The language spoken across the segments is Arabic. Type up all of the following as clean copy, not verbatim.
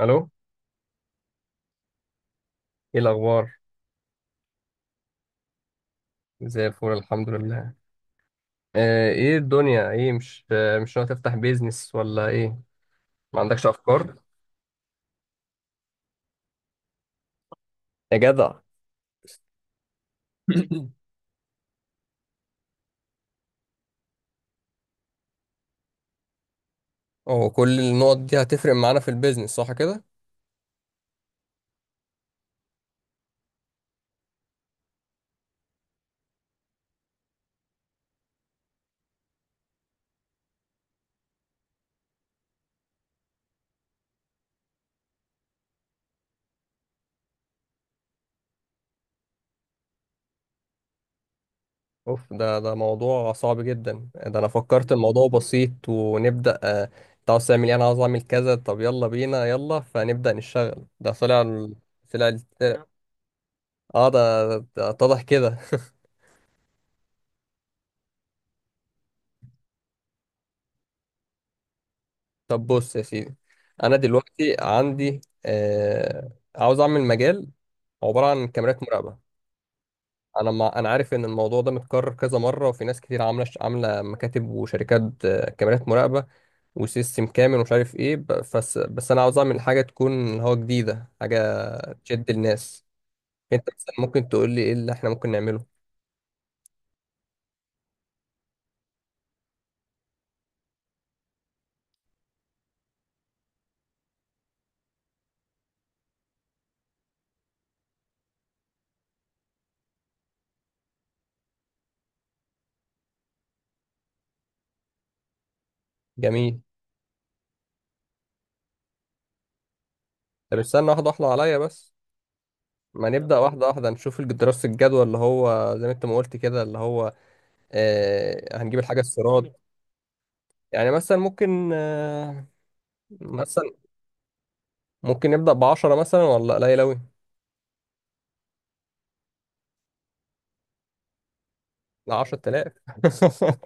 الو، ايه الاخبار؟ زي الفل، الحمد لله. ايه الدنيا، ايه؟ مش ناوي تفتح بيزنس ولا ايه؟ ما عندكش افكار؟ يا جدع. هو كل النقط دي هتفرق معانا في البيزنس، صح كده؟ اوف، ده موضوع صعب جدا. ده انا فكرت الموضوع بسيط ونبدا انت عاوز تعمل ايه، انا عاوز اعمل كذا، طب يلا بينا، يلا فنبدا نشتغل. ده طلع طلع اه، ده اتضح كده. طب بص يا سيدي، انا دلوقتي عندي عاوز اعمل مجال عباره عن كاميرات مراقبه. انا ما انا عارف ان الموضوع ده متكرر كذا مره، وفي ناس كتير عامله مكاتب وشركات، كاميرات مراقبه وسيستم كامل ومش عارف ايه بس بس انا عاوز اعمل حاجه تكون هو جديده، حاجه تشد الناس. انت مثلا ممكن تقول لي ايه اللي احنا ممكن نعمله؟ جميل. طب استنى واحده واحده عليا بس، ما نبدا واحده واحده نشوف دراسه الجدوى اللي هو زي ما انت ما قلت كده، اللي هو هنجيب الحاجة السيراد. يعني مثلا ممكن مثلا ممكن نبدأ بعشرة مثلا، ولا قليل أوي؟ لا، 10000.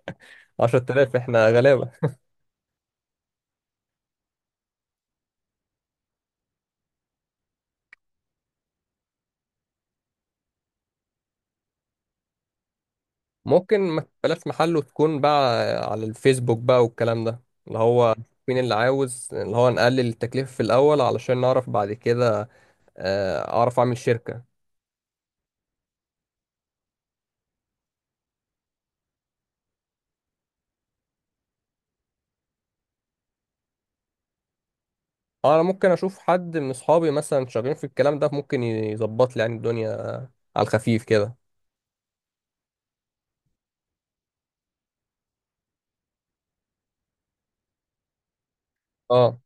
10000، احنا غلابة. ممكن ما بلاش محل، وتكون بقى على الفيسبوك بقى والكلام ده، اللي هو مين اللي عاوز، اللي هو نقلل التكلفة في الأول علشان نعرف بعد كده أعرف أعمل شركة. أنا ممكن أشوف حد من أصحابي مثلا شغالين في الكلام ده، ممكن يظبط لي يعني الدنيا، على الخفيف كده. اه.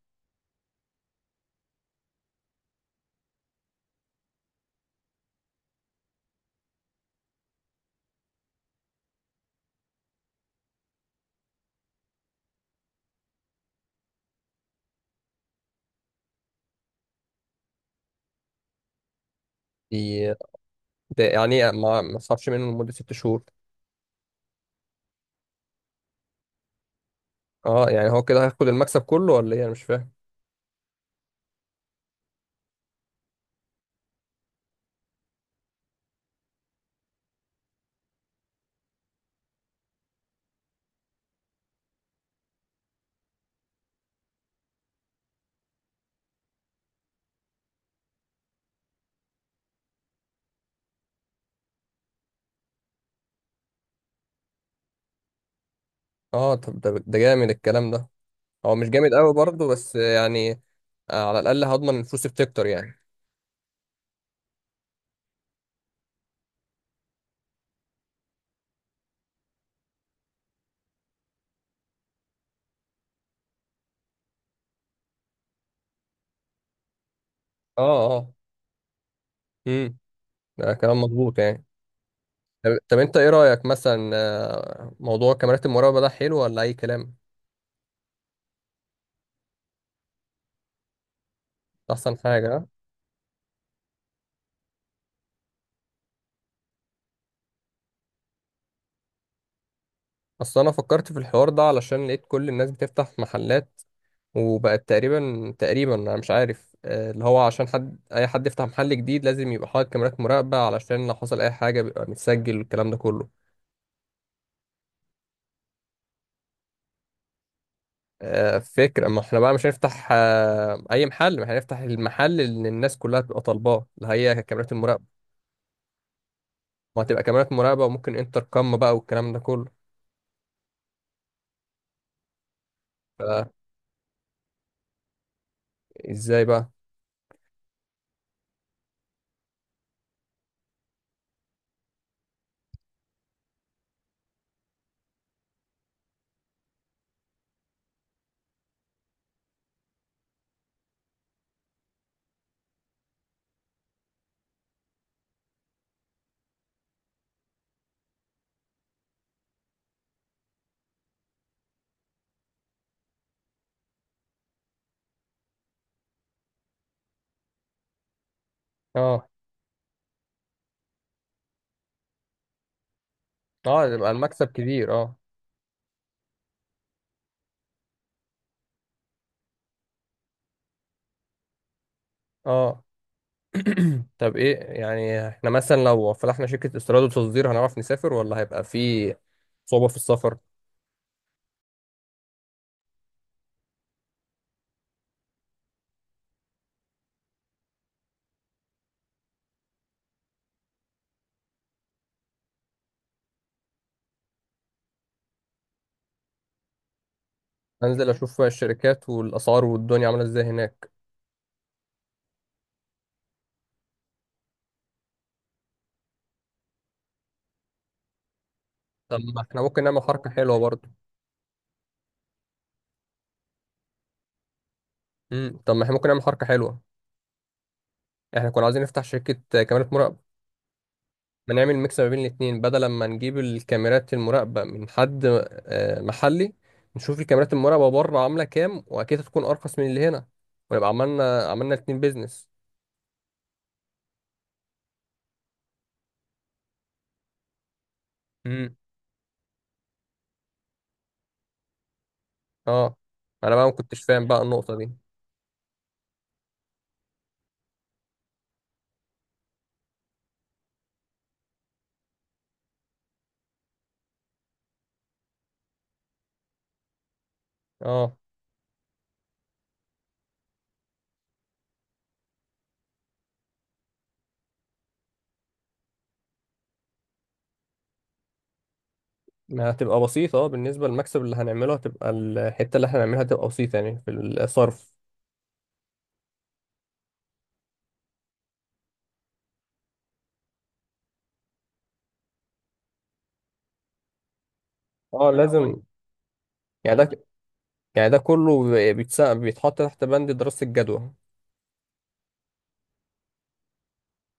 دي ده يعني إيه؟ ما صرفش منه لمدة 6 شهور؟ اه يعني هو كده هياخد المكسب كله ولا ايه؟ انا مش فاهم. اه طب ده جامد الكلام ده، هو مش جامد قوي برضه بس يعني على الاقل هضمن الفلوس بتكتر يعني. اه اه. امم ده كلام مظبوط يعني. طب, انت ايه رايك مثلا موضوع كاميرات المراقبه ده، حلو ولا اي كلام؟ ده احسن حاجه آه؟ اصل انا فكرت في الحوار ده علشان لقيت كل الناس بتفتح محلات، وبقت تقريبا تقريبا، انا مش عارف اللي هو عشان حد، اي حد يفتح محل جديد لازم يبقى حاطط كاميرات مراقبة علشان لو حصل اي حاجة بيبقى متسجل والكلام ده كله. فكرة، ما احنا بقى مش هنفتح اي محل، ما احنا هنفتح المحل اللي الناس كلها تبقى طالباه، اللي هي كاميرات المراقبة. ما هتبقى كاميرات مراقبة، وممكن انتر كام بقى والكلام ده كله. فازاي بقى؟ اه اه، يبقى المكسب كبير، اه. اه طب ايه، يعني احنا مثلا لو فتحنا شركة استيراد وتصدير هنعرف نسافر، ولا هيبقى في صعوبة في السفر؟ انزل اشوف الشركات والاسعار والدنيا عاملة ازاي هناك. طب ما احنا ممكن نعمل حركة حلوة برضه. طب ما احنا ممكن نعمل حركة حلوة، احنا كنا عايزين نفتح شركة كاميرات مراقبة، ما نعمل ميكس ما بين الاتنين، بدل ما نجيب الكاميرات المراقبة من حد محلي، نشوف الكاميرات المراقبة بره عاملة كام، واكيد هتكون ارخص من اللي هنا، ونبقى عملنا الاتنين بيزنس. اه، انا بقى ما كنتش فاهم بقى النقطة دي. اه ما هتبقى بسيطة، اه بالنسبة للمكسب اللي هنعمله هتبقى الحتة اللي احنا هنعملها هتبقى بسيطة يعني في الصرف. اه لازم. يعني ده، يعني ده كله بيتحط تحت بند دراسة الجدوى.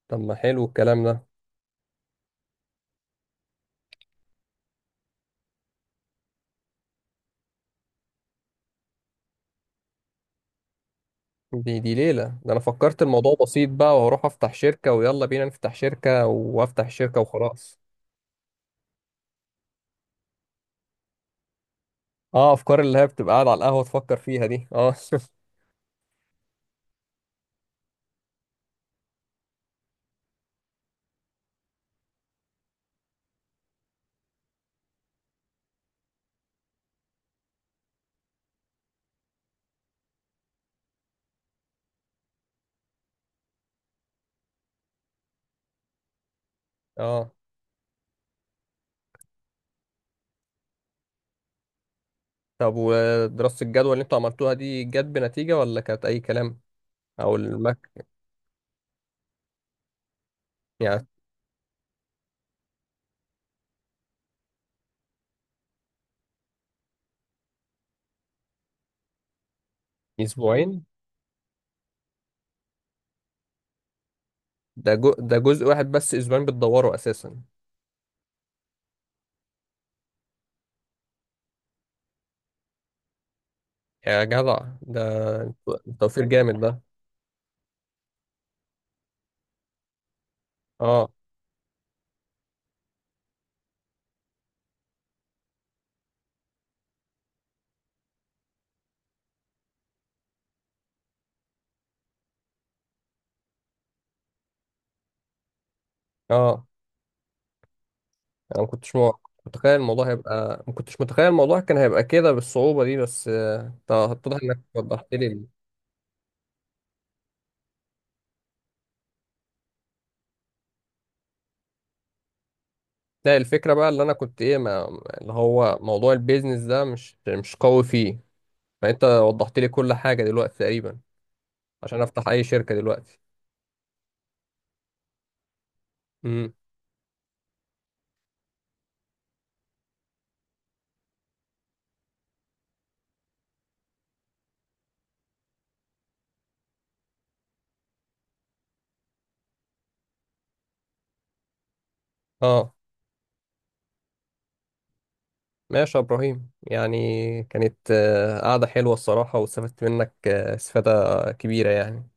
طب ما حلو الكلام ده. دي دي ليلة، ده انا فكرت الموضوع بسيط بقى وهروح افتح شركة، ويلا بينا نفتح شركة، وافتح شركة وخلاص. اه افكار اللي هي بتبقى قاعد على القهوة تفكر فيها دي، اه. اه طب ودراسة الجدوى اللي انتوا عملتوها دي، جت بنتيجة ولا كانت اي كلام؟ او المك، يعني، اسبوعين؟ ده جزء واحد بس اسبوعين بتدوره اساسا؟ يا جدع، ده توفير جامد ده. اه اه. انا ما كنتش متخيل الموضوع هيبقى، ما كنتش متخيل الموضوع كان هيبقى كده بالصعوبة دي، بس اتضح انك وضحت لي لا، الفكرة بقى اللي انا كنت ايه ما... اللي هو موضوع البيزنس ده مش قوي فيه، فانت وضحت لي كل حاجة دلوقتي تقريبا، عشان افتح اي شركة دلوقتي. امم اه ماشي يا إبراهيم، يعني كانت قعدة حلوة الصراحة، واستفدت منك استفادة كبيرة يعني.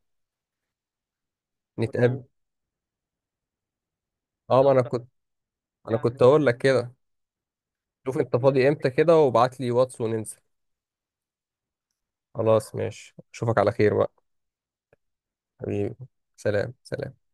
نتقابل. وانا اه، ما أنا اكتر كنت، أنا كنت يعني أقول لك كده، شوف أنت فاضي إمتى كده وابعت لي واتس وننزل. خلاص ماشي، أشوفك على خير بقى. حبيبي، سلام سلام.